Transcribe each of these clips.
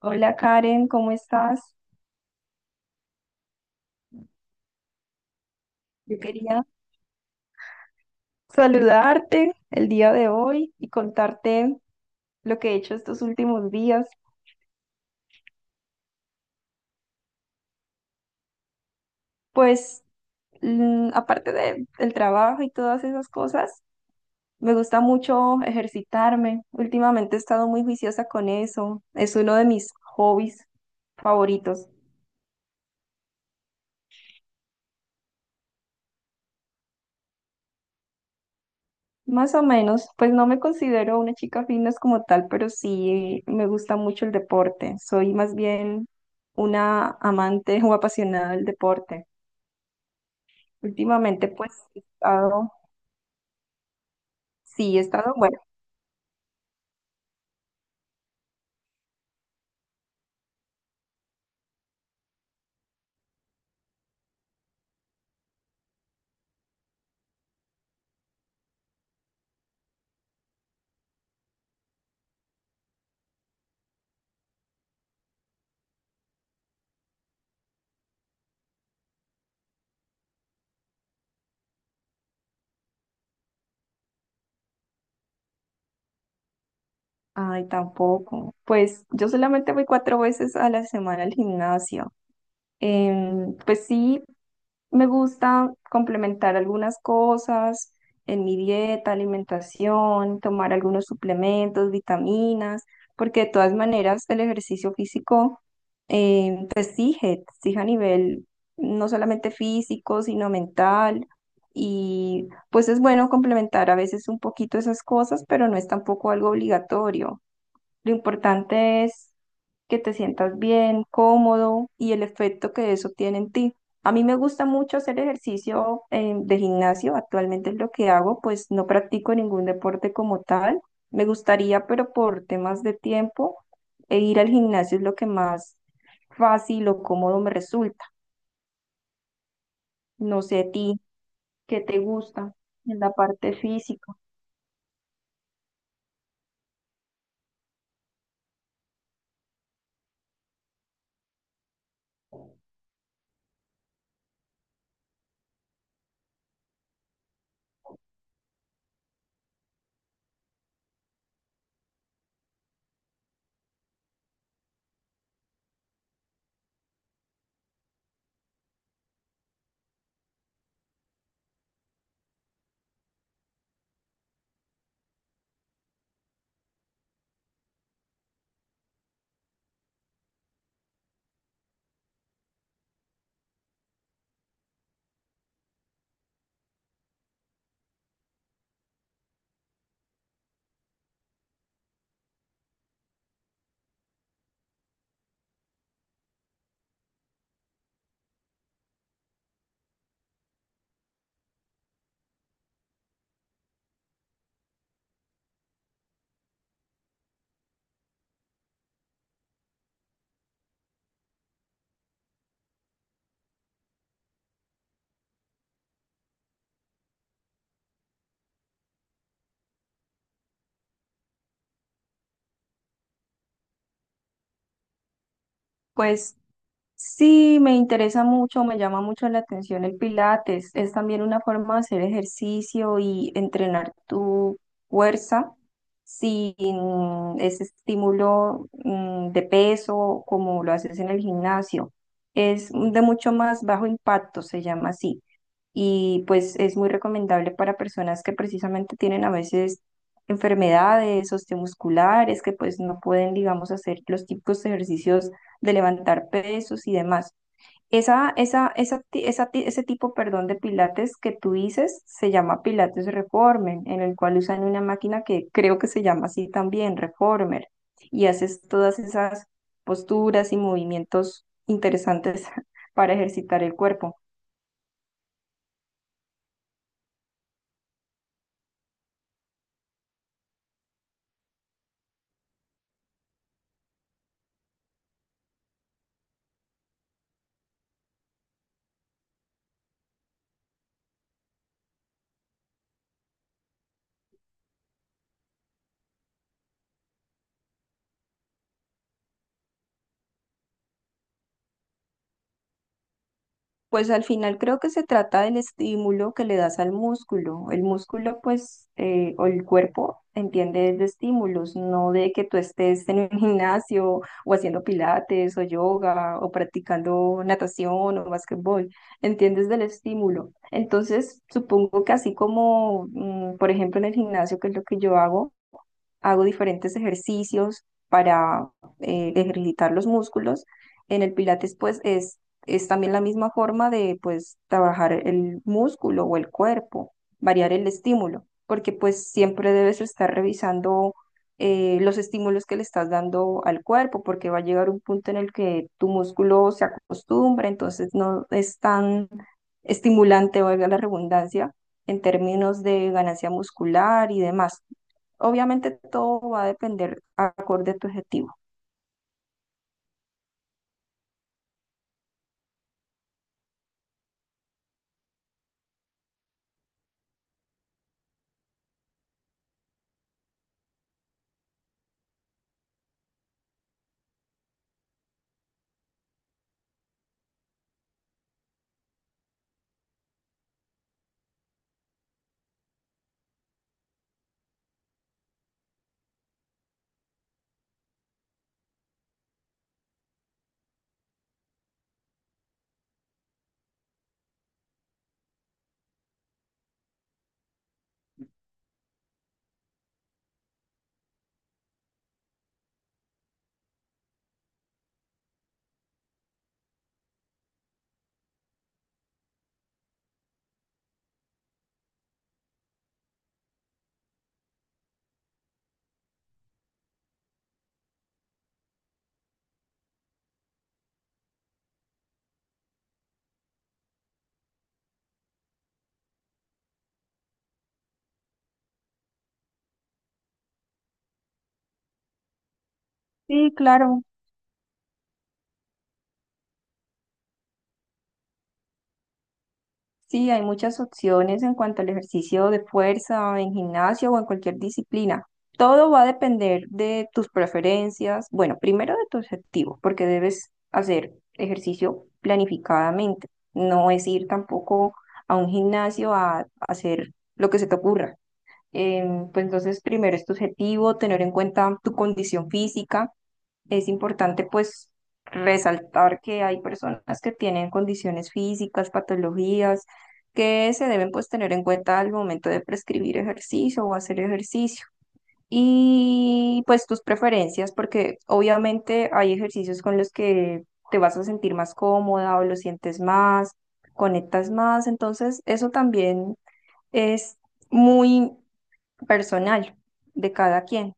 Hola Karen, ¿cómo estás? Yo quería saludarte el día de hoy y contarte lo que he hecho estos últimos días. Pues aparte del trabajo y todas esas cosas, me gusta mucho ejercitarme. Últimamente he estado muy juiciosa con eso. Es uno de mis hobbies favoritos. Más o menos, pues no me considero una chica fitness como tal, pero sí me gusta mucho el deporte. Soy más bien una amante o apasionada del deporte. Últimamente, pues, he estado, sí, he estado, bueno, ay, tampoco. Pues yo solamente voy cuatro veces a la semana al gimnasio. Pues sí, me gusta complementar algunas cosas en mi dieta, alimentación, tomar algunos suplementos, vitaminas, porque de todas maneras el ejercicio físico te exige a nivel no solamente físico, sino mental. Y pues es bueno complementar a veces un poquito esas cosas, pero no es tampoco algo obligatorio. Lo importante es que te sientas bien, cómodo y el efecto que eso tiene en ti. A mí me gusta mucho hacer ejercicio de gimnasio, actualmente es lo que hago, pues no practico ningún deporte como tal. Me gustaría, pero por temas de tiempo, e ir al gimnasio es lo que más fácil o cómodo me resulta. No sé a ti, ¿qué te gusta en la parte física? Pues sí, me interesa mucho, me llama mucho la atención el Pilates. Es también una forma de hacer ejercicio y entrenar tu fuerza sin ese estímulo de peso como lo haces en el gimnasio. Es de mucho más bajo impacto, se llama así y pues es muy recomendable para personas que precisamente tienen a veces enfermedades osteomusculares, que pues no pueden, digamos, hacer los típicos ejercicios de levantar pesos y demás. Ese tipo, perdón, de pilates que tú dices se llama Pilates Reformer, en el cual usan una máquina que creo que se llama así también, Reformer, y haces todas esas posturas y movimientos interesantes para ejercitar el cuerpo. Pues al final creo que se trata del estímulo que le das al músculo. El músculo, pues, o el cuerpo entiende es de estímulos, no de que tú estés en un gimnasio o haciendo pilates o yoga o practicando natación o básquetbol. Entiendes del estímulo. Entonces, supongo que así como, por ejemplo, en el gimnasio, que es lo que yo hago, hago diferentes ejercicios para ejercitar los músculos. En el Pilates, pues, es también la misma forma de, pues, trabajar el músculo o el cuerpo, variar el estímulo, porque, pues, siempre debes estar revisando los estímulos que le estás dando al cuerpo, porque va a llegar un punto en el que tu músculo se acostumbra, entonces no es tan estimulante, valga la redundancia, en términos de ganancia muscular y demás. Obviamente todo va a depender acorde a tu objetivo. Sí, claro. Sí, hay muchas opciones en cuanto al ejercicio de fuerza en gimnasio o en cualquier disciplina. Todo va a depender de tus preferencias. Bueno, primero de tu objetivo, porque debes hacer ejercicio planificadamente. No es ir tampoco a un gimnasio a hacer lo que se te ocurra. Pues entonces, primero es tu objetivo, tener en cuenta tu condición física. Es importante pues resaltar que hay personas que tienen condiciones físicas, patologías, que se deben pues tener en cuenta al momento de prescribir ejercicio o hacer ejercicio. Y pues tus preferencias, porque obviamente hay ejercicios con los que te vas a sentir más cómoda o lo sientes más, conectas más, entonces eso también es muy personal de cada quien.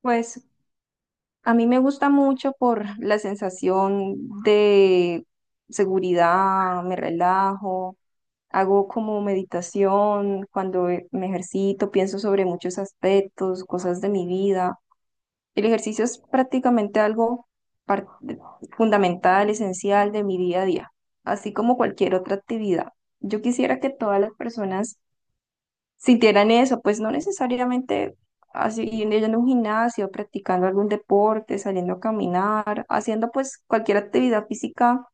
Pues a mí me gusta mucho por la sensación de seguridad, me relajo, hago como meditación, cuando me ejercito, pienso sobre muchos aspectos, cosas de mi vida. El ejercicio es prácticamente algo par- fundamental, esencial de mi día a día, así como cualquier otra actividad. Yo quisiera que todas las personas sintieran eso, pues no necesariamente así yendo a un gimnasio, practicando algún deporte, saliendo a caminar, haciendo pues cualquier actividad física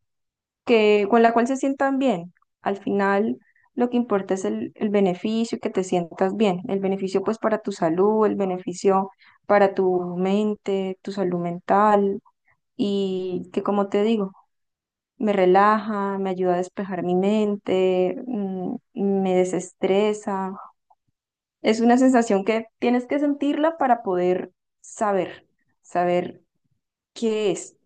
que, con la cual se sientan bien. Al final lo que importa es el beneficio, que te sientas bien, el beneficio pues para tu salud, el beneficio para tu mente, tu salud mental y que, como te digo, me relaja, me ayuda a despejar mi mente, me desestresa. Es una sensación que tienes que sentirla para poder saber, saber qué es.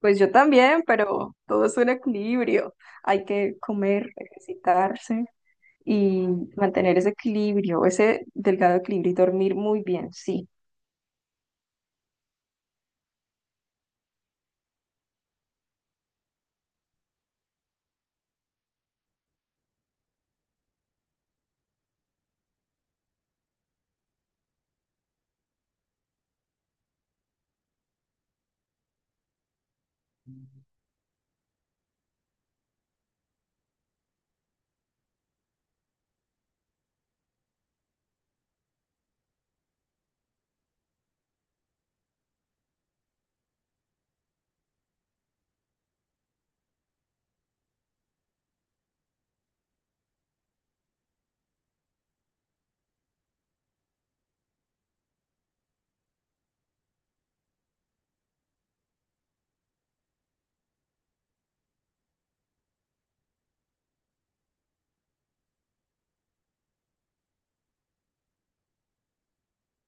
Pues yo también, pero todo es un equilibrio. Hay que comer, ejercitarse y mantener ese equilibrio, ese delgado equilibrio y dormir muy bien, sí.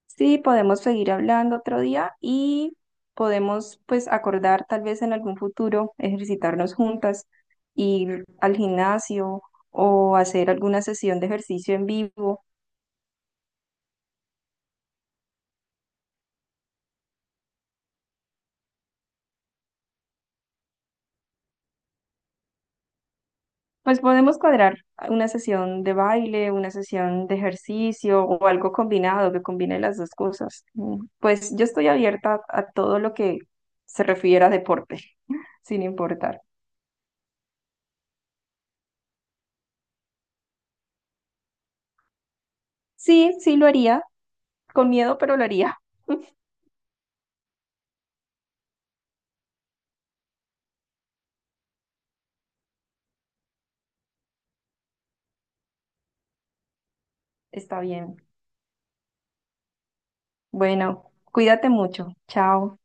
Sí, podemos seguir hablando otro día y podemos pues acordar tal vez en algún futuro ejercitarnos juntas, ir al gimnasio o hacer alguna sesión de ejercicio en vivo. Pues podemos cuadrar una sesión de baile, una sesión de ejercicio o algo combinado que combine las dos cosas. Mm, Pues yo estoy abierta a todo lo que se refiera a deporte, sin importar. Sí, sí lo haría, con miedo, pero lo haría. Está bien. Bueno, cuídate mucho. Chao.